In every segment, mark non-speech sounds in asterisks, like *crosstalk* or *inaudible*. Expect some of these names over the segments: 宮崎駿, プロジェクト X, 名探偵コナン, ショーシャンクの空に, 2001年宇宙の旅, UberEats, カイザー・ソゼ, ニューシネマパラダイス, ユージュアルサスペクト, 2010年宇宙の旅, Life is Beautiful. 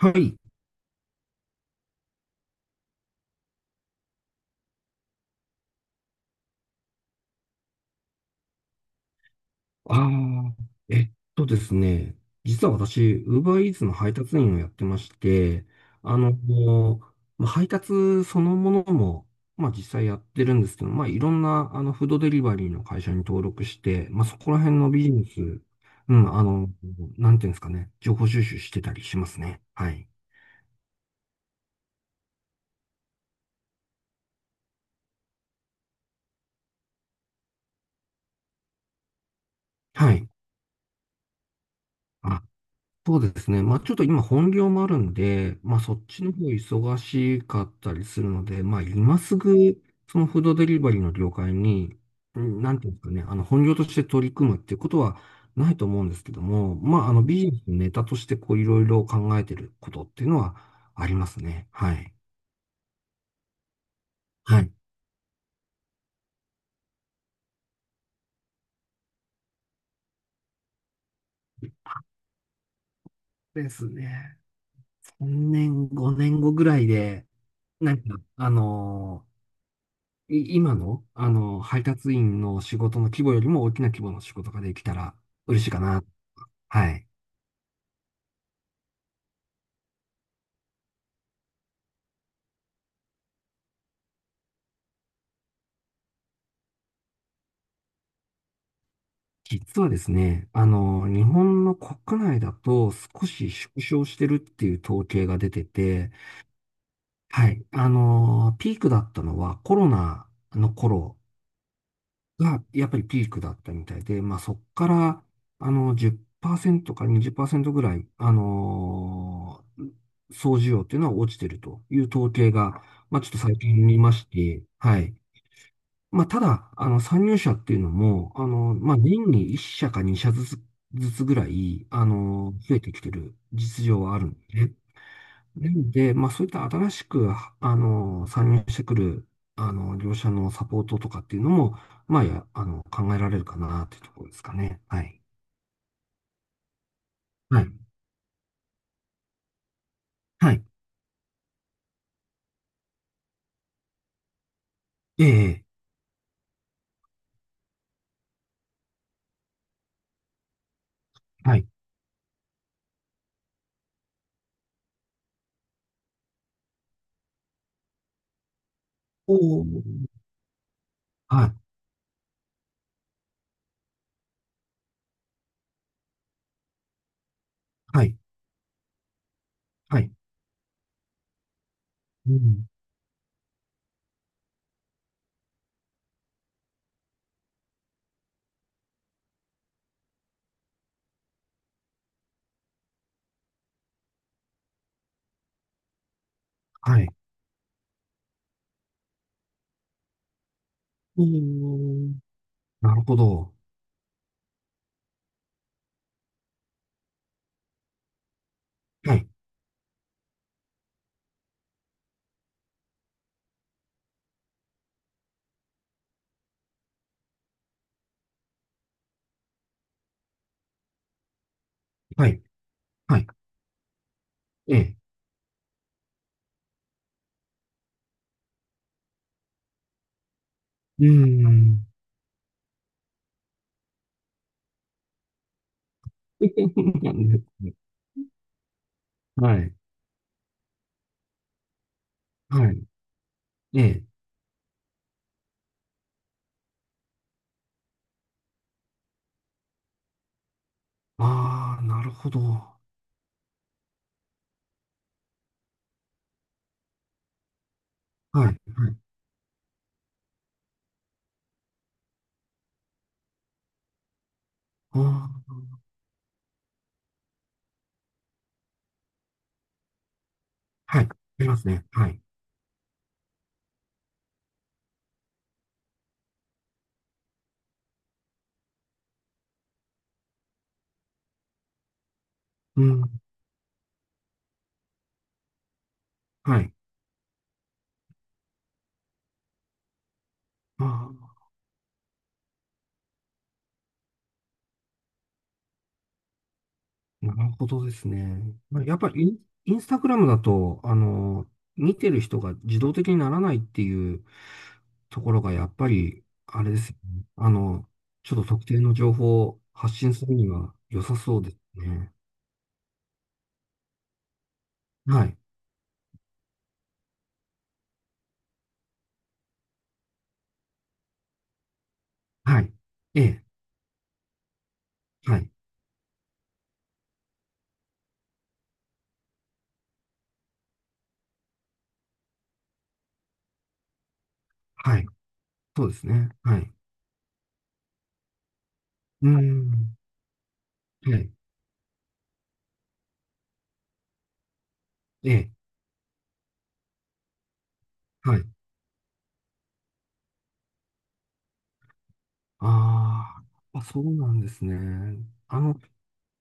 はい。ああ、えっとですね。実は私、UberEats の配達員をやってまして、もうまあ配達そのものも、まあ実際やってるんですけど、まあいろんなフードデリバリーの会社に登録して、まあそこら辺のビジネス、うん、なんていうんですかね、情報収集してたりしますね。はい。はい。そうですね。まあちょっと今本業もあるんで、まあそっちの方忙しかったりするので、まあ今すぐそのフードデリバリーの業界に、うん、なんていうんですかね、本業として取り組むっていうことはないと思うんですけども、まあビジネスのネタとしてこういろいろ考えてることっていうのはありますね。はい。はい。ですね。3年、5年後ぐらいで、なんか、あのい今の、配達員の仕事の規模よりも大きな規模の仕事ができたら嬉しいかな。はい。実はですね、日本の国内だと少し縮小してるっていう統計が出てて、はい。ピークだったのはコロナの頃が、やっぱりピークだったみたいで、まあそっから、10%かにじゅっパーセ20%ぐらい、総需要っていうのは落ちてるという統計が、まあちょっと最近見まして、はい。まあただ、参入者っていうのも、まあ年に1社か2社ずつぐらい、増えてきてる実情はあるんでね。なんで、まあ、そういった新しく、参入してくる、業者のサポートとかっていうのも、まあ、や、あの、考えられるかなっていうところですかね。はい。はい。はい。ええ、はい。おー、はい。はい。はい。うん。はい。おー、なるほど。はい。はい。はい。ええ。うーん。*laughs* なんですね。はい。はい。ええ。ああ、なるほど。はい。はい。ああ、はい。ありますね。はい。うん。はい。ああ、なるほどですね。まあやっぱりインスタグラムだと、見てる人が自動的にならないっていうところが、やっぱり、あれですよね。ちょっと特定の情報を発信するには良さそうですね。はい。はい。ええ。はい。はい。そうですね。はい。うーん。はい。ええ。はい。ああ、そうなんですね。あの、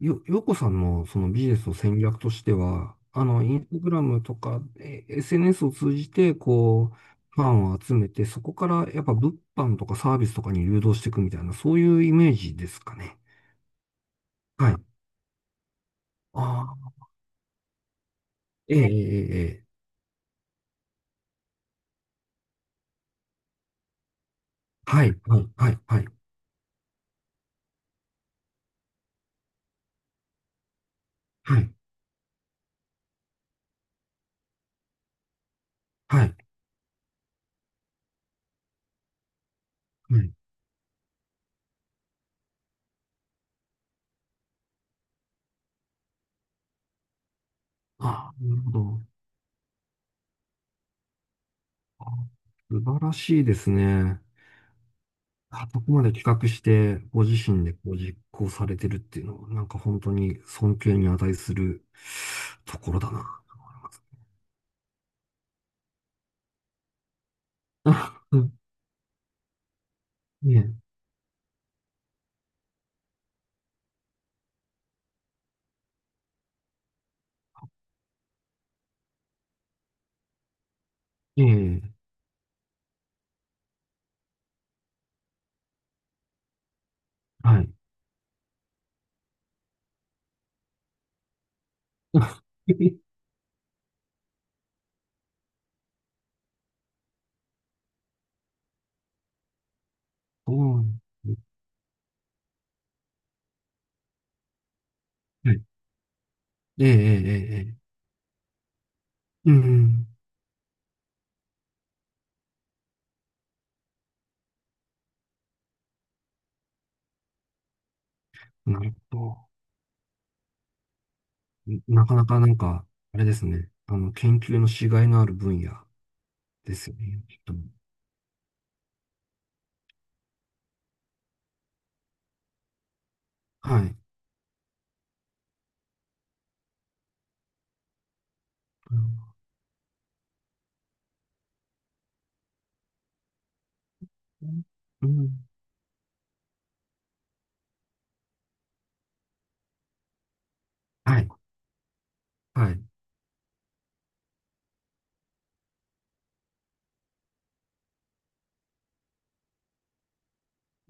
ようこさんのそのビジネスの戦略としては、インスタグラムとか、SNS を通じて、こう、ファンを集めて、そこからやっぱ物販とかサービスとかに誘導していくみたいな、そういうイメージですかね。はい。ああ、ええ、ええ、ええ。はい、はい、はい、はい、はい、はい。はい。ああ、なるほど。あ、素晴らしいですね。あそこまで企画して、ご自身でこう実行されてるっていうのは、なんか本当に尊敬に値するところだな。*laughs* あ、うん、ねえ、ええ、はい。あ *laughs* そうなんですね。はい。ええ、ええ、ええ。うん、うん、なるほど。なかなかなんか、あれですね。研究のしがいのある分野ですよね。きっと。はい。うん、うん、はい。はい。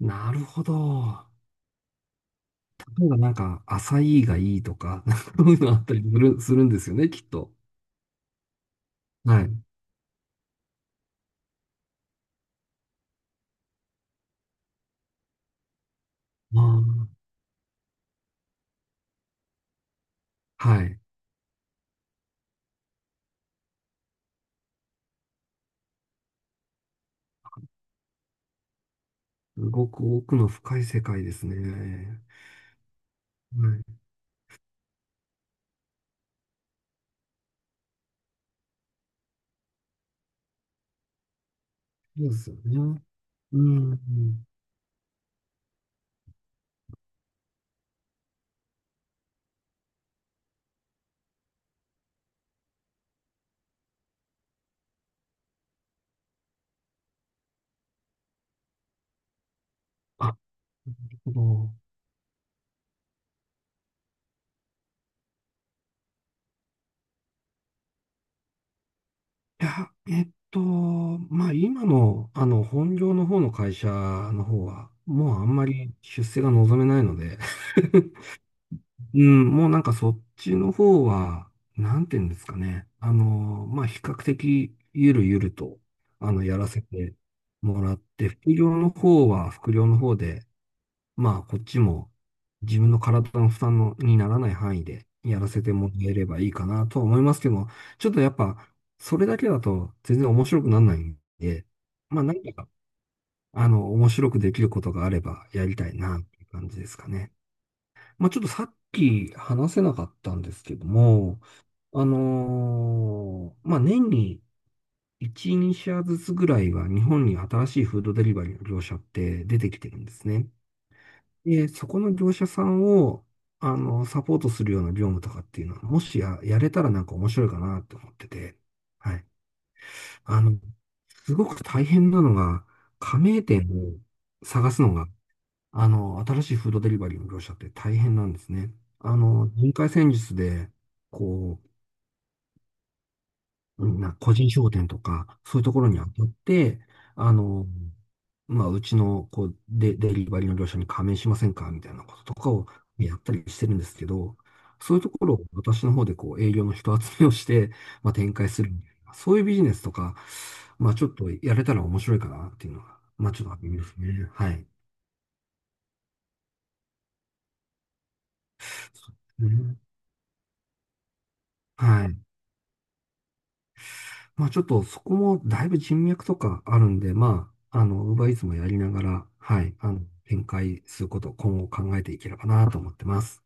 なるほど。例えなんか、浅いがいいとか、*laughs* なんかそういうのあったりするんですよね、きっと。はい。ああ、はい。すごく奥の深い世界ですね。はい。そうですよね。うん。あ、なるほど。いや、まあ今の、本業の方の会社の方は、もうあんまり出世が望めないので *laughs* うん、もうなんかそっちの方は、なんていうんですかね。まあ、比較的ゆるゆると、やらせてもらって、副業の方は副業の方で、まあ、こっちも自分の体の負担のにならない範囲でやらせてもらえればいいかなとは思いますけど、ちょっとやっぱ、それだけだと全然面白くならないんで、まあ、何か、面白くできることがあればやりたいな、っていう感じですかね。まあ、ちょっとさっき話せなかったんですけども、まあ、年に1、2社ずつぐらいは日本に新しいフードデリバリーの業者って出てきてるんですね。で、そこの業者さんを、サポートするような業務とかっていうのは、もしや、やれたらなんか面白いかなって思ってて、はい。あの、すごく大変なのが、加盟店を探すのが新しいフードデリバリーの業者って大変なんですね。人海戦術で、こう、みんな個人商店とか、そういうところに当たって、あの、まあ、うちの、こう、デリバリーの業者に加盟しませんかみたいなこととかをやったりしてるんですけど、そういうところを私の方でこう、営業の人集めをして、まあ、展開するみたいな、そういうビジネスとか、まあ、ちょっとやれたら面白いかなっていうのが、まあ、ちょっとあるんですね。はい。そうですね。はい。まあちょっとそこもだいぶ人脈とかあるんで、まあ、ウーバーイーツもやりながら、はい、展開することを今後考えていければなと思ってます。